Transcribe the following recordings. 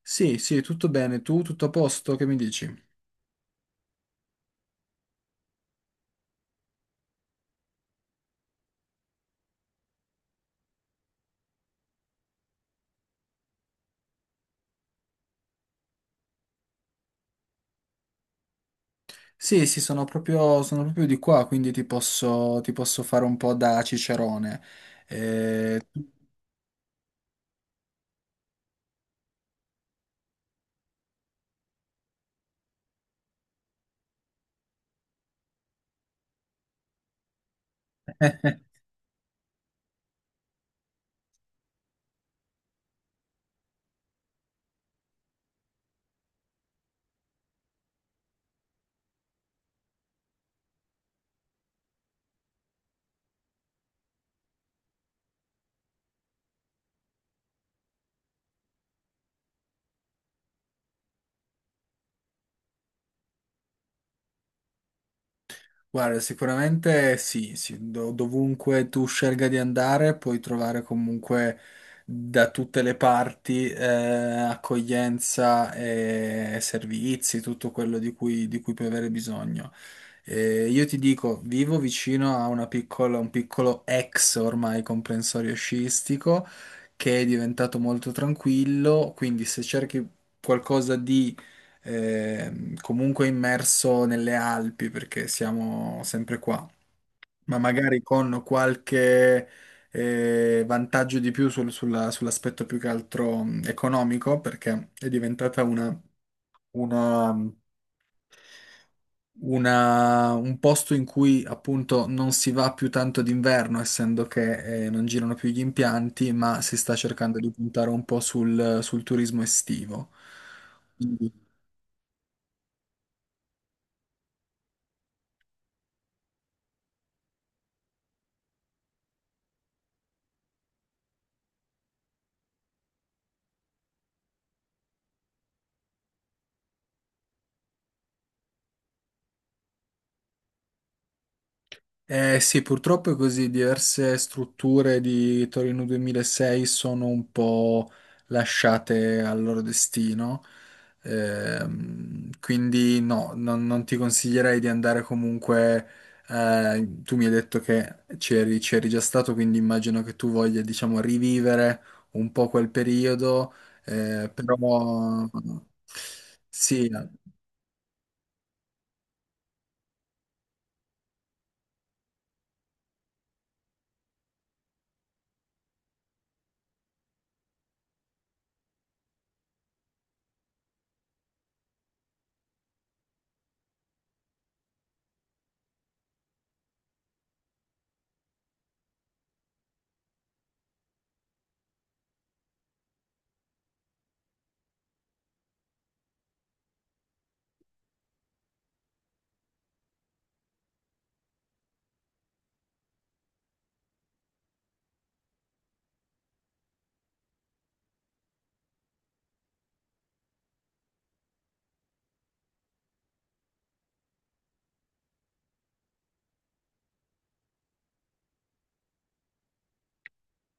Sì, sì, tutto bene. Tu, tutto a posto? Che mi dici? Sì, sì, sono proprio di qua, quindi ti posso fare un po' da cicerone. Eh, Guarda, sicuramente sì, sì, dovunque tu scelga di andare puoi trovare comunque da tutte le parti accoglienza e servizi, tutto quello di cui puoi avere bisogno. Io ti dico, vivo vicino a un piccolo ex ormai comprensorio sciistico che è diventato molto tranquillo, quindi se cerchi qualcosa di comunque immerso nelle Alpi perché siamo sempre qua, ma magari con qualche vantaggio di più sull'aspetto più che altro economico perché è diventata una- un posto in cui appunto non si va più tanto d'inverno, essendo che non girano più gli impianti, ma si sta cercando di puntare un po' sul turismo estivo. Eh sì, purtroppo è così, diverse strutture di Torino 2006 sono un po' lasciate al loro destino. Quindi no, non ti consiglierei di andare comunque. Eh, tu mi hai detto che c'eri già stato, quindi immagino che tu voglia, diciamo, rivivere un po' quel periodo, però sì.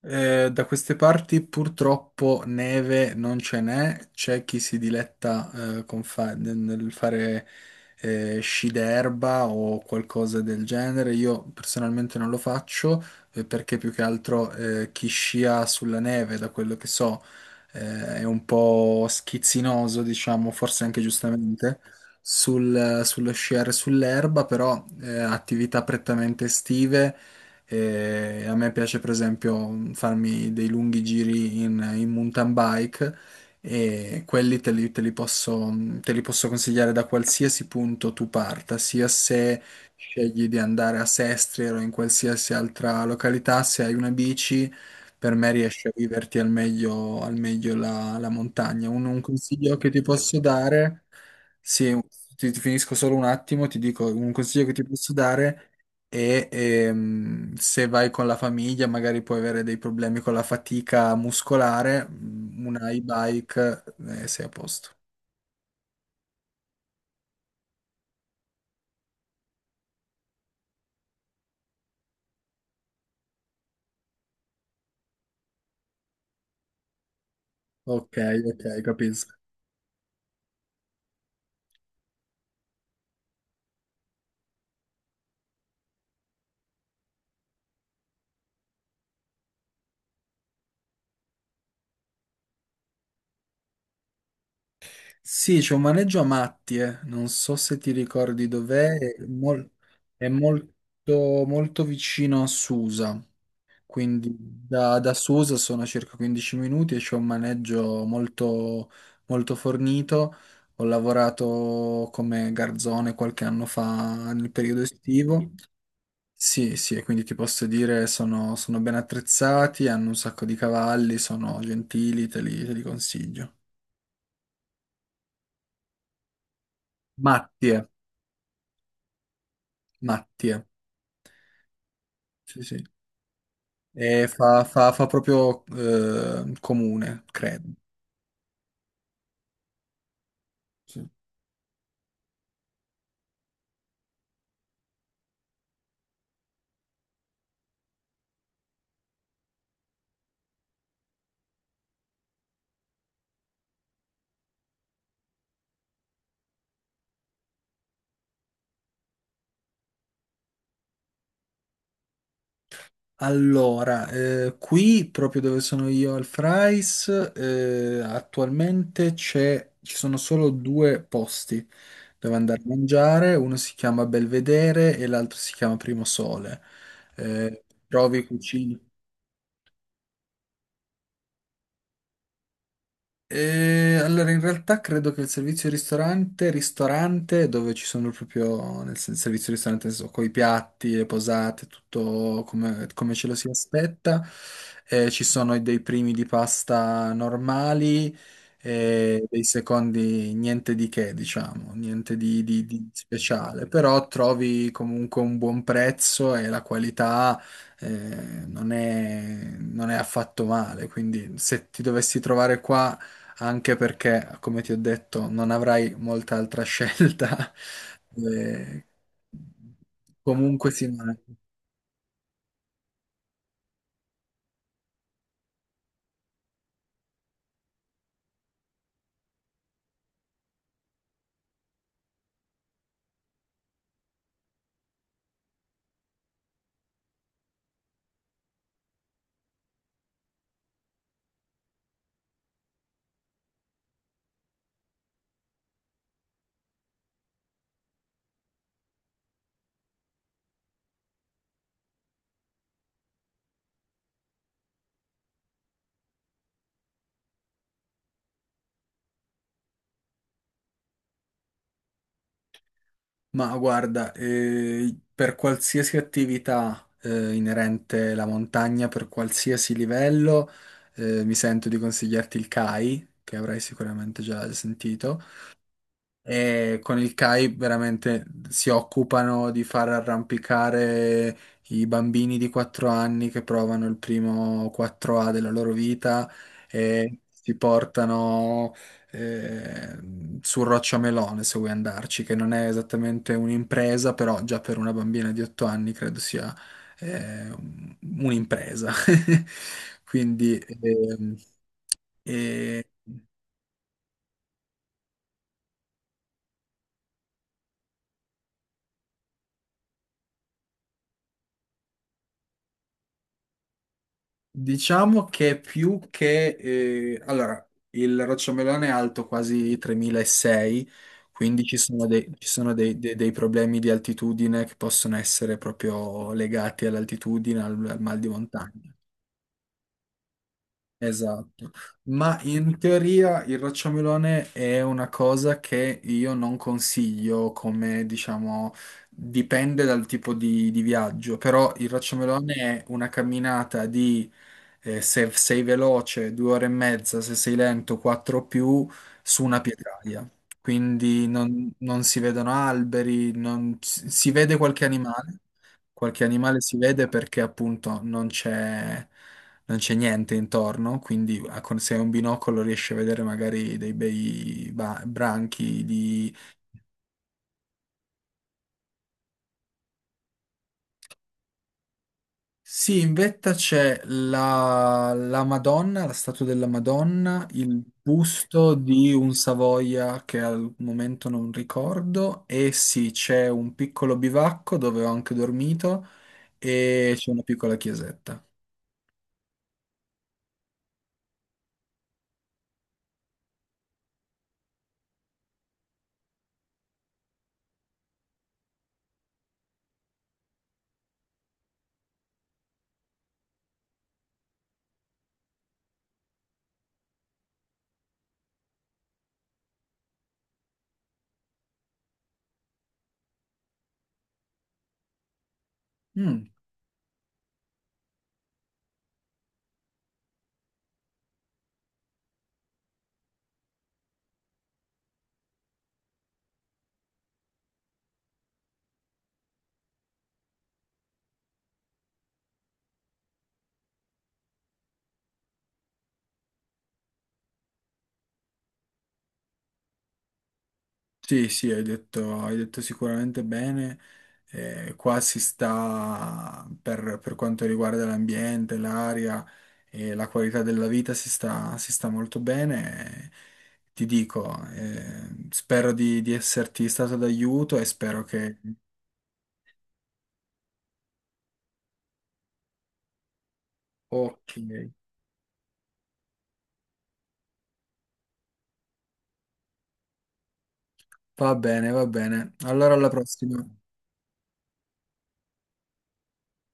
Da queste parti purtroppo neve non ce n'è, c'è chi si diletta nel fare sci d'erba o qualcosa del genere. Io personalmente non lo faccio perché più che altro chi scia sulla neve, da quello che so, è un po' schizzinoso, diciamo, forse anche giustamente. Sullo sciare sull'erba, però attività prettamente estive e a me piace per esempio farmi dei lunghi giri in mountain bike e quelli te li posso consigliare da qualsiasi punto tu parta, sia se scegli di andare a Sestri o in qualsiasi altra località, se hai una bici, per me riesci a viverti al meglio la montagna. Un consiglio che ti posso dare, sì, ti finisco solo un attimo, ti dico un consiglio che ti posso dare e se vai con la famiglia magari puoi avere dei problemi con la fatica muscolare, mm, una e-bike sei a posto. Ok, ok, capisco. Sì, c'è un maneggio a Mattie, non so se ti ricordi dov'è, è, è molto, molto vicino a Susa. Quindi da Susa sono a circa 15 minuti e c'è un maneggio molto, molto fornito. Ho lavorato come garzone qualche anno fa nel periodo estivo. Sì, sì, e quindi ti posso dire sono, sono ben attrezzati, hanno un sacco di cavalli, sono gentili, te li consiglio. Mattie, Mattie, sì, sì. E fa proprio comune, credo. Sì. Allora, qui proprio dove sono io al Frais, attualmente ci sono solo due posti dove andare a mangiare, uno si chiama Belvedere e l'altro si chiama Primo Sole. Eh, trovi cucine. E allora, in realtà credo che il servizio ristorante dove ci sono proprio servizio ristorante, con i piatti, le posate, tutto come, come ce lo si aspetta, ci sono dei primi di pasta normali e dei secondi niente di che, diciamo, niente di speciale, però trovi comunque un buon prezzo e la qualità eh, non è affatto male, quindi se ti dovessi trovare qua anche perché, come ti ho detto, non avrai molta altra scelta. Eh, comunque sì, ma guarda, per qualsiasi attività inerente alla montagna, per qualsiasi livello, mi sento di consigliarti il CAI, che avrai sicuramente già sentito. E con il CAI veramente si occupano di far arrampicare i bambini di 4 anni che provano il primo 4A della loro vita. Mm. E si portano su Rocciamelone se vuoi andarci, che non è esattamente un'impresa, però già per una bambina di 8 anni credo sia eh, un- un'impresa. Quindi ehm, eh, diciamo che più che... allora, il rocciamelone è alto quasi 3600, quindi ci sono dei problemi di altitudine che possono essere proprio legati all'altitudine, al mal di montagna. Esatto, ma in teoria il rocciamelone è una cosa che io non consiglio come, diciamo, dipende dal tipo di viaggio, però il rocciamelone è una camminata di, se sei veloce, due ore e mezza, se sei lento, quattro o più, su una pietraia. Quindi non si vedono alberi, non, si vede qualche animale si vede perché appunto non c'è niente intorno, quindi se hai un binocolo riesci a vedere magari dei bei branchi di... Sì, in vetta c'è la Madonna, la statua della Madonna, il busto di un Savoia che al momento non ricordo e sì, c'è un piccolo bivacco dove ho anche dormito e c'è una piccola chiesetta. Mm. Sì, sì, hai detto sicuramente bene. Qua si sta, per quanto riguarda l'ambiente, l'aria e la qualità della vita, si sta molto bene. Ti dico, spero di esserti stato d'aiuto e spero che... Ok, va bene, va bene. Allora alla prossima.